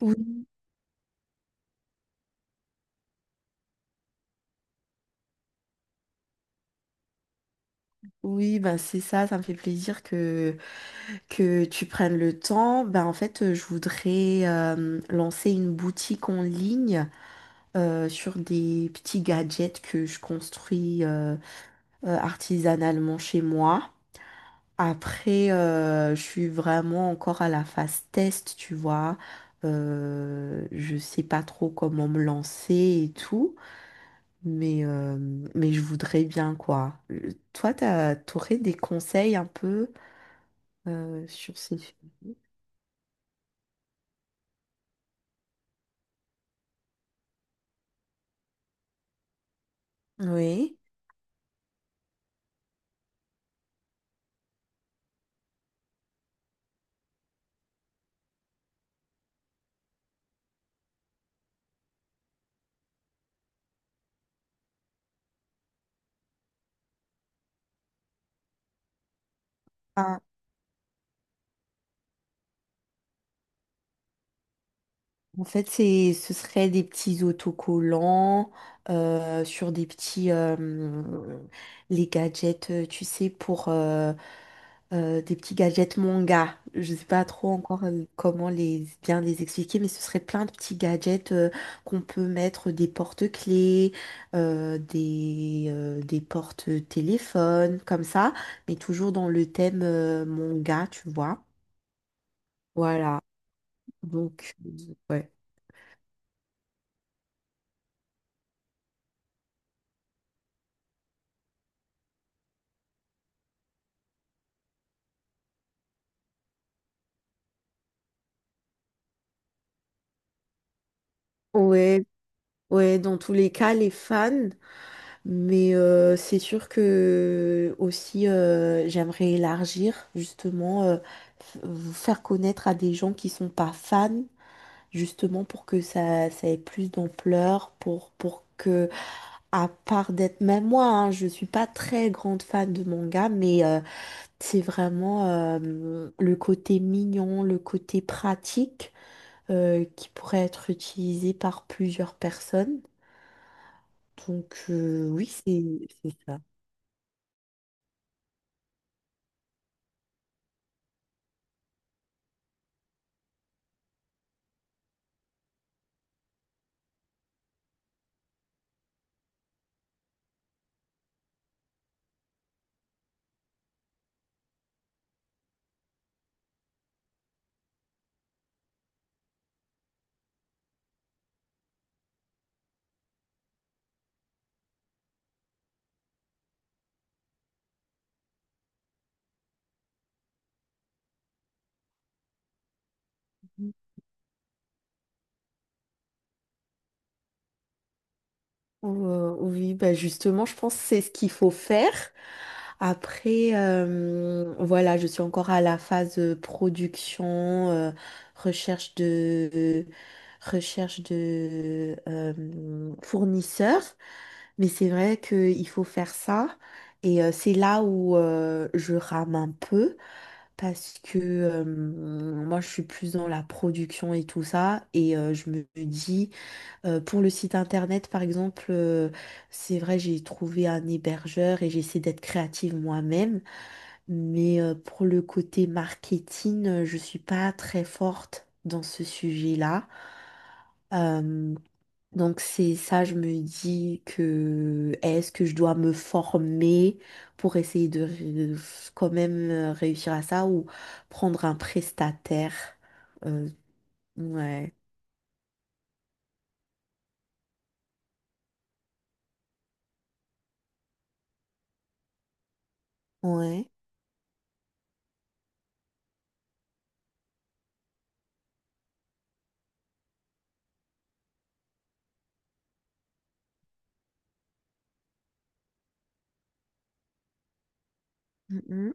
Oui, oui, ben c'est ça, ça me fait plaisir que tu prennes le temps. Ben en fait, je voudrais lancer une boutique en ligne sur des petits gadgets que je construis artisanalement chez moi. Après, je suis vraiment encore à la phase test, tu vois. Je sais pas trop comment me lancer et tout. Mais, euh, mais je voudrais bien, quoi. Toi, t'as, t'aurais des conseils un peu sur ces films? Oui. Ah, en fait, c'est, ce serait des petits autocollants sur des petits, les gadgets, tu sais, pour, des petits gadgets manga. Je sais pas trop encore comment les bien les expliquer, mais ce serait plein de petits gadgets qu'on peut mettre des porte-clés, des porte-téléphones, comme ça, mais toujours dans le thème manga, tu vois. Voilà. Donc, ouais. Ouais, ouais, dans tous les cas, les fans. Mais c'est sûr que aussi j'aimerais élargir justement vous faire connaître à des gens qui sont pas fans justement pour que ça ait plus d'ampleur pour que à part d'être même moi hein, je suis pas très grande fan de manga mais c'est vraiment le côté mignon le côté pratique qui pourrait être utilisé par plusieurs personnes donc oui c'est ça. Oui, bah justement, je pense que c'est ce qu'il faut faire. Après, voilà, je suis encore à la phase production, recherche de, recherche de fournisseurs. Mais c'est vrai qu'il faut faire ça. Et c'est là où je rame un peu parce que moi, je suis plus dans la production et tout ça. Et je me dis... Pour le site internet, par exemple, c'est vrai, j'ai trouvé un hébergeur et j'essaie d'être créative moi-même, mais pour le côté marketing, je suis pas très forte dans ce sujet-là. Euh, donc c'est ça, je me dis que est-ce que je dois me former pour quand même réussir à ça ou prendre un prestataire? Euh, ouais. Ouais. Mhm.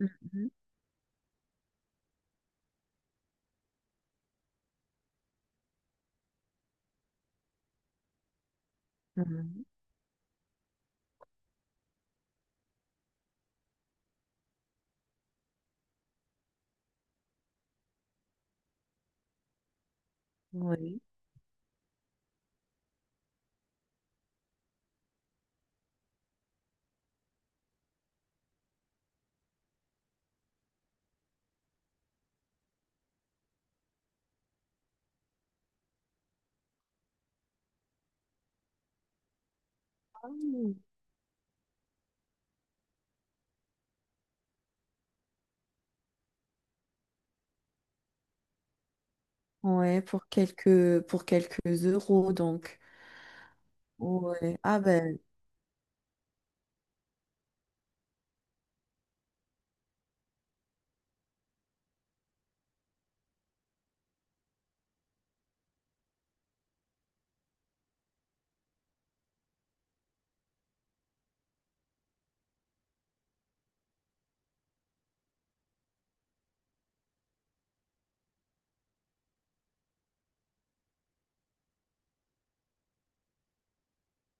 Mhm. Mhm. Oui. Ouais, pour quelques euros donc. Ouais. Ah ben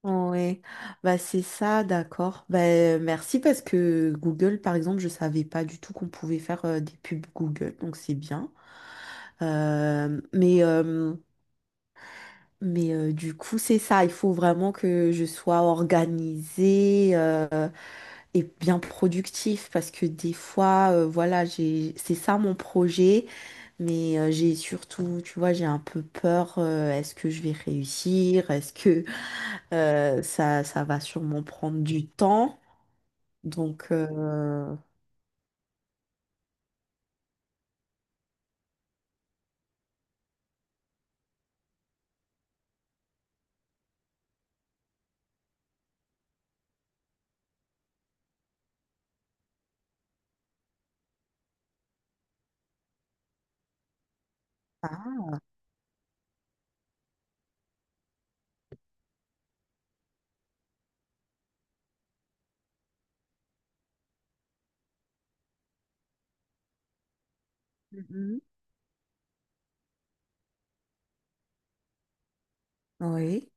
ouais. Bah c'est ça, d'accord. Ben merci parce que Google, par exemple, je savais pas du tout qu'on pouvait faire des pubs Google, donc c'est bien. Euh, mais euh, mais du coup, c'est ça, il faut vraiment que je sois organisée et bien productif parce que des fois, voilà, j'ai c'est ça mon projet. Mais j'ai surtout, tu vois, j'ai un peu peur. Est-ce que je vais réussir? Est-ce que ça, ça va sûrement prendre du temps? Donc, ah, mhm, oui,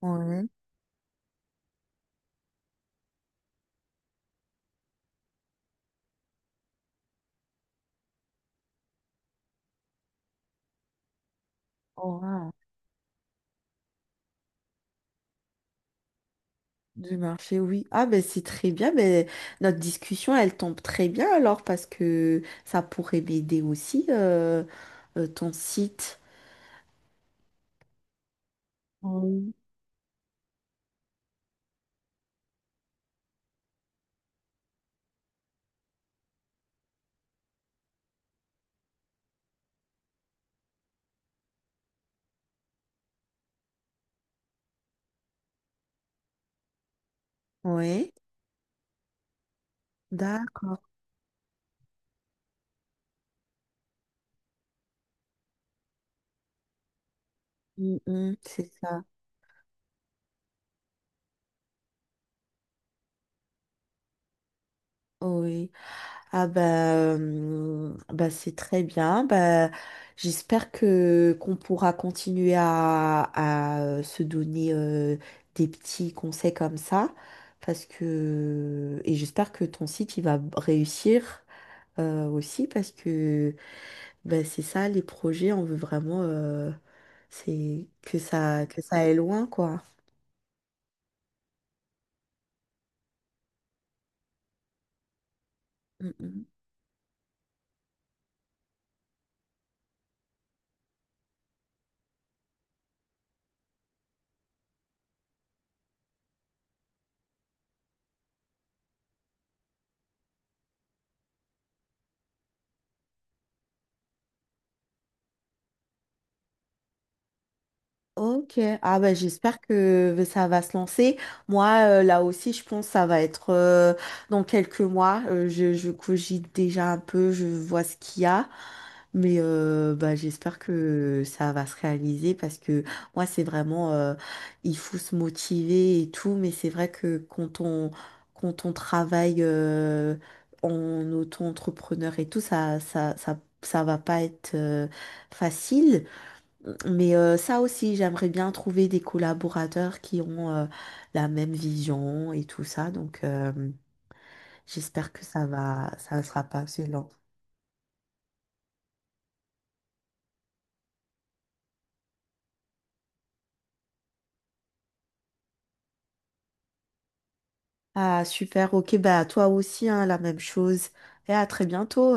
ouais, oh, wow. Du marché, oui. Ah, ben c'est très bien. Ben, notre discussion, elle tombe très bien alors parce que ça pourrait m'aider aussi, ton site. Oui. Oui, d'accord. Mm, mm, c'est ça. Oui. Ah bah, bah c'est très bien. Bah, j'espère que qu'on pourra continuer à, se donner des petits conseils comme ça. Parce que et j'espère que ton site il va réussir aussi parce que bah, c'est ça les projets, on veut vraiment c'est que ça aille loin quoi. Mm, mm. Ok, ah ben j'espère que ça va se lancer. Moi, là aussi, je pense que ça va être dans quelques mois. Je cogite déjà un peu, je vois ce qu'il y a. Mais bah, j'espère que ça va se réaliser parce que moi, c'est vraiment, il faut se motiver et tout. Mais c'est vrai que quand on travaille en auto-entrepreneur et tout, ça va pas être facile. Mais ça aussi, j'aimerais bien trouver des collaborateurs qui ont la même vision et tout ça. Donc, j'espère que ça ne sera pas assez lent. Ah, super. Ok, bah, toi aussi, hein, la même chose. Et à très bientôt.